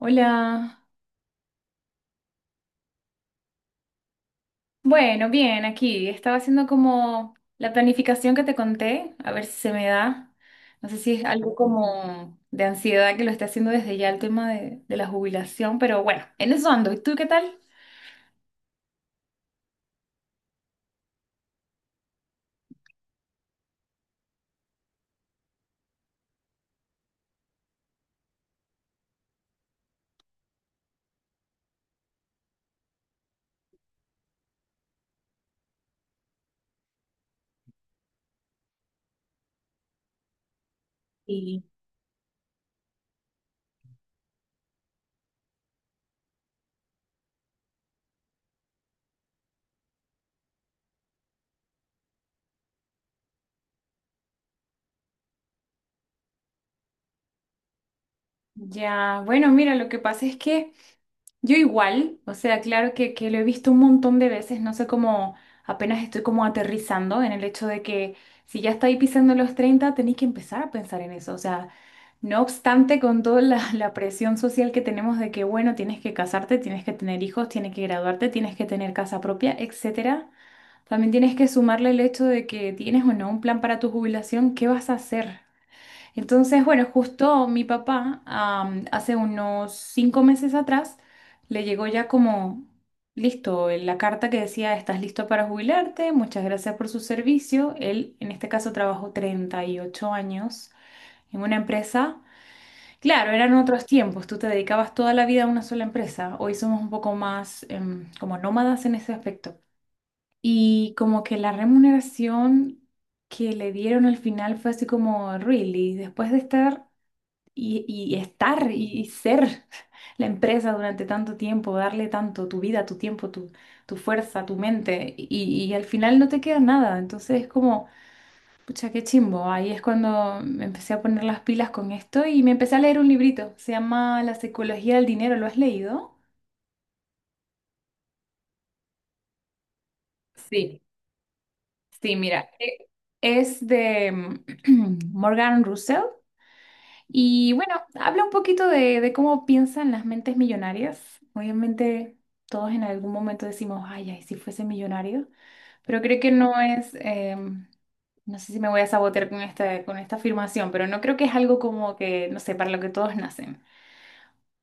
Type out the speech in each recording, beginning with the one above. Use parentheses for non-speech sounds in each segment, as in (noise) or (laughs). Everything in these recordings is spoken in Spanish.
Hola. Bueno, bien, aquí. Estaba haciendo como la planificación que te conté, a ver si se me da. No sé si es algo como de ansiedad que lo esté haciendo desde ya el tema de la jubilación, pero bueno, en eso ando. ¿Y tú qué tal? Y ya, bueno, mira, lo que pasa es que yo igual, o sea, claro que lo he visto un montón de veces, no sé cómo apenas estoy como aterrizando en el hecho de que si ya estáis pisando los 30 tenéis que empezar a pensar en eso, o sea, no obstante con toda la, (laughs) la presión social que tenemos de que, bueno, tienes que casarte, tienes que tener hijos, tienes que graduarte, tienes que tener casa propia, etcétera, también tienes que sumarle el hecho de que tienes o no un plan para tu jubilación. ¿Qué vas a hacer? Entonces, bueno, justo mi papá, hace unos cinco meses atrás, le llegó ya como listo la carta que decía: "Estás listo para jubilarte, muchas gracias por su servicio". Él, en este caso, trabajó 30 y ocho años en una empresa. Claro, eran otros tiempos, tú te dedicabas toda la vida a una sola empresa. Hoy somos un poco más, como nómadas en ese aspecto. Y como que la remuneración que le dieron al final fue así como, really, después de estar y ser (laughs) la empresa durante tanto tiempo, darle tanto tu vida, tu tiempo, tu fuerza, tu mente, y al final no te queda nada. Entonces es como, pucha, qué chimbo. Ahí es cuando me empecé a poner las pilas con esto y me empecé a leer un librito. Se llama La psicología del dinero. ¿Lo has leído? Sí, sí, mira, es de (clears throat) Morgan Russell. Y bueno, habla un poquito de cómo piensan las mentes millonarias. Obviamente todos en algún momento decimos, ay, ay, si fuese millonario, pero creo que no es, no sé si me voy a sabotear con esta afirmación, pero no creo que es algo como que, no sé, para lo que todos nacen.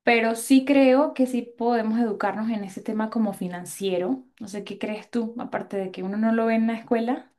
Pero sí creo que sí podemos educarnos en ese tema como financiero. No sé, ¿qué crees tú? Aparte de que uno no lo ve en la escuela.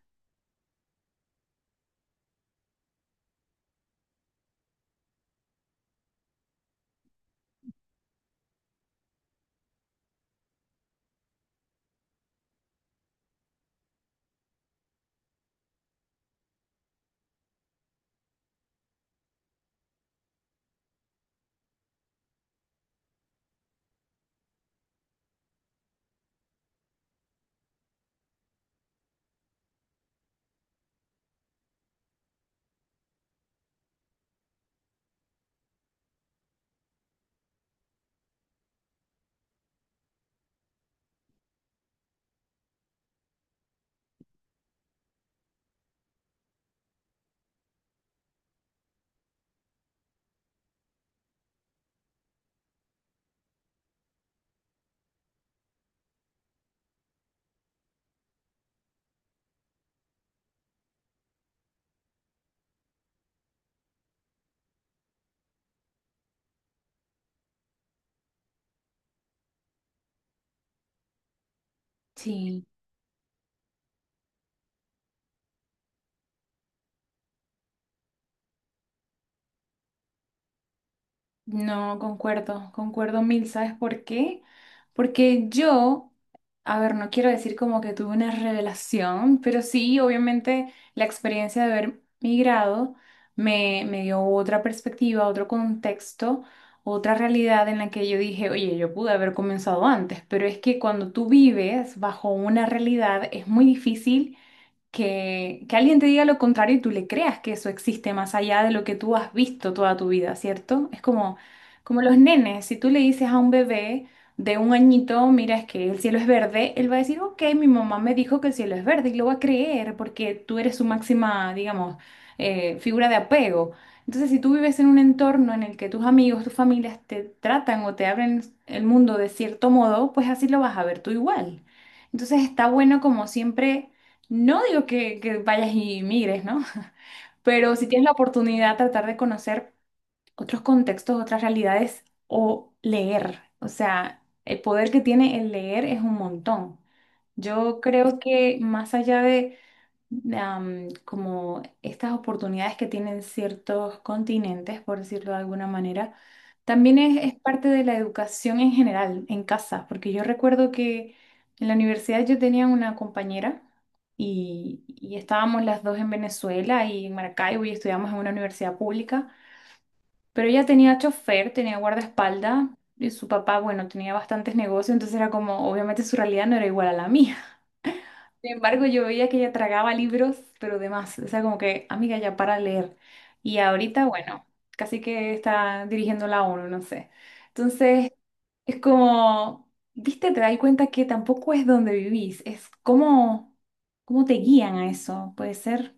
Sí. No, concuerdo, concuerdo mil, ¿sabes por qué? Porque yo, a ver, no quiero decir como que tuve una revelación, pero sí, obviamente la experiencia de haber migrado me dio otra perspectiva, otro contexto, otra realidad en la que yo dije, oye, yo pude haber comenzado antes, pero es que cuando tú vives bajo una realidad es muy difícil que alguien te diga lo contrario y tú le creas que eso existe más allá de lo que tú has visto toda tu vida, ¿cierto? Es como, como los nenes, si tú le dices a un bebé de un añito, mira, es que el cielo es verde, él va a decir, ok, mi mamá me dijo que el cielo es verde y lo va a creer porque tú eres su máxima, digamos, figura de apego. Entonces, si tú vives en un entorno en el que tus amigos, tus familias te tratan o te abren el mundo de cierto modo, pues así lo vas a ver tú igual. Entonces está bueno como siempre, no digo que vayas y migres, ¿no? Pero si tienes la oportunidad, tratar de conocer otros contextos, otras realidades o leer. O sea, el poder que tiene el leer es un montón. Yo creo que más allá de como estas oportunidades que tienen ciertos continentes, por decirlo de alguna manera, también es parte de la educación en general, en casa, porque yo recuerdo que en la universidad yo tenía una compañera y estábamos las dos en Venezuela y en Maracaibo y estudiamos en una universidad pública, pero ella tenía chofer, tenía guardaespaldas y su papá, bueno, tenía bastantes negocios, entonces era como, obviamente su realidad no era igual a la mía. Sin embargo, yo veía que ella tragaba libros, pero demás. O sea, como que, amiga, ya para leer. Y ahorita, bueno, casi que está dirigiendo la ONU, no sé. Entonces, es como, viste, te das cuenta que tampoco es donde vivís, es cómo, cómo te guían a eso, ¿puede ser?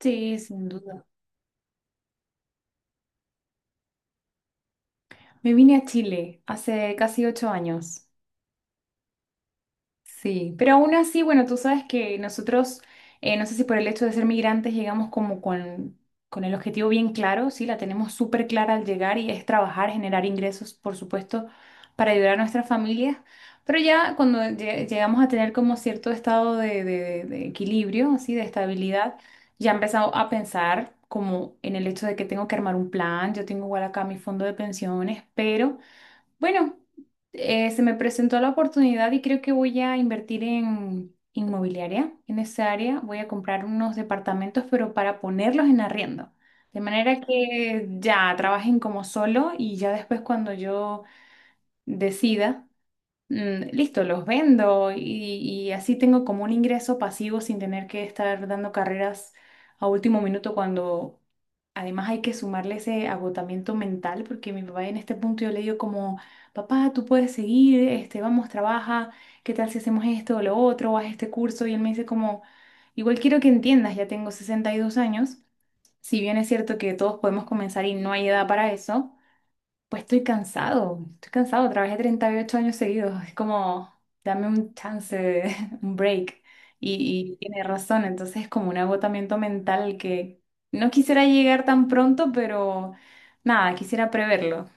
Sí, sin duda. Me vine a Chile hace casi 8 años. Sí, pero aún así, bueno, tú sabes que nosotros, no sé si por el hecho de ser migrantes llegamos como con el objetivo bien claro, sí, la tenemos súper clara al llegar y es trabajar, generar ingresos, por supuesto, para ayudar a nuestras familias, pero ya cuando llegamos a tener como cierto estado de, de equilibrio, así, de estabilidad, ya he empezado a pensar como en el hecho de que tengo que armar un plan. Yo tengo igual acá mi fondo de pensiones, pero... Bueno, se me presentó la oportunidad y creo que voy a invertir en inmobiliaria, en esa área. Voy a comprar unos departamentos, pero para ponerlos en arriendo. De manera que ya trabajen como solo y ya después cuando yo decida, mm, listo, los vendo y así tengo como un ingreso pasivo sin tener que estar dando carreras a último minuto cuando... Además hay que sumarle ese agotamiento mental, porque mi papá en este punto yo le digo como, papá, tú puedes seguir, este, vamos, trabaja, ¿qué tal si hacemos esto o lo otro, o haz este curso? Y él me dice como, igual quiero que entiendas, ya tengo 62 años, si bien es cierto que todos podemos comenzar y no hay edad para eso, pues estoy cansado, trabajé 38 años seguidos, es como, dame un chance, (laughs) un break. Y tiene razón, entonces es como un agotamiento mental que no quisiera llegar tan pronto, pero nada, quisiera preverlo.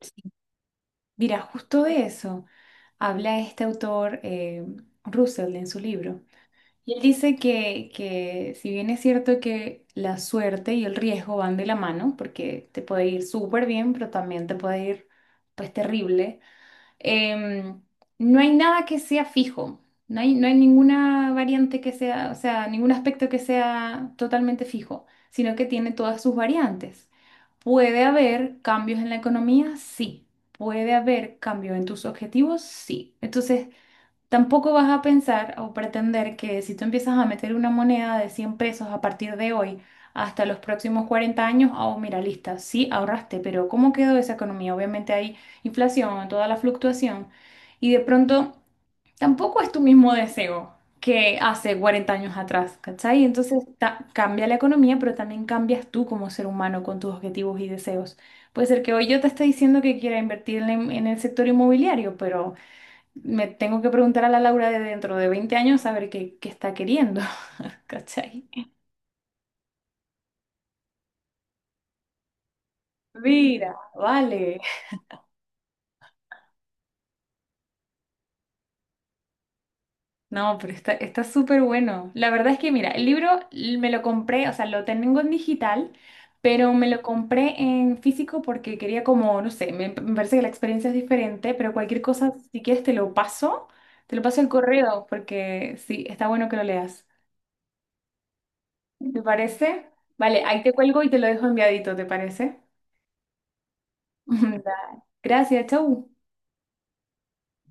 Sí. Mira, justo de eso habla este autor Russell en su libro. Y él dice que si bien es cierto que la suerte y el riesgo van de la mano, porque te puede ir súper bien, pero también te puede ir pues terrible, em, no hay nada que sea fijo, no hay ninguna variante que sea, o sea, ningún aspecto que sea totalmente fijo, sino que tiene todas sus variantes. ¿Puede haber cambios en la economía? Sí. ¿Puede haber cambios en tus objetivos? Sí. Entonces... Tampoco vas a pensar o pretender que si tú empiezas a meter una moneda de 100 pesos a partir de hoy hasta los próximos 40 años, oh, mira, lista, sí ahorraste, pero ¿cómo quedó esa economía? Obviamente hay inflación, toda la fluctuación, y de pronto tampoco es tu mismo deseo que hace 40 años atrás, ¿cachai? Entonces cambia la economía, pero también cambias tú como ser humano con tus objetivos y deseos. Puede ser que hoy yo te esté diciendo que quiera invertir en el sector inmobiliario, pero me tengo que preguntar a la Laura de dentro de 20 años a ver qué, qué está queriendo, (laughs) ¿cachai? Mira, vale. No, pero está, está súper bueno. La verdad es que, mira, el libro me lo compré, o sea, lo tengo en digital, pero me lo compré en físico porque quería como, no sé, me parece que la experiencia es diferente, pero cualquier cosa, si quieres, te lo paso el correo, porque sí, está bueno que lo leas. ¿Te parece? Vale, ahí te cuelgo y te lo dejo enviadito, ¿te parece? (laughs) Da. Gracias, chau.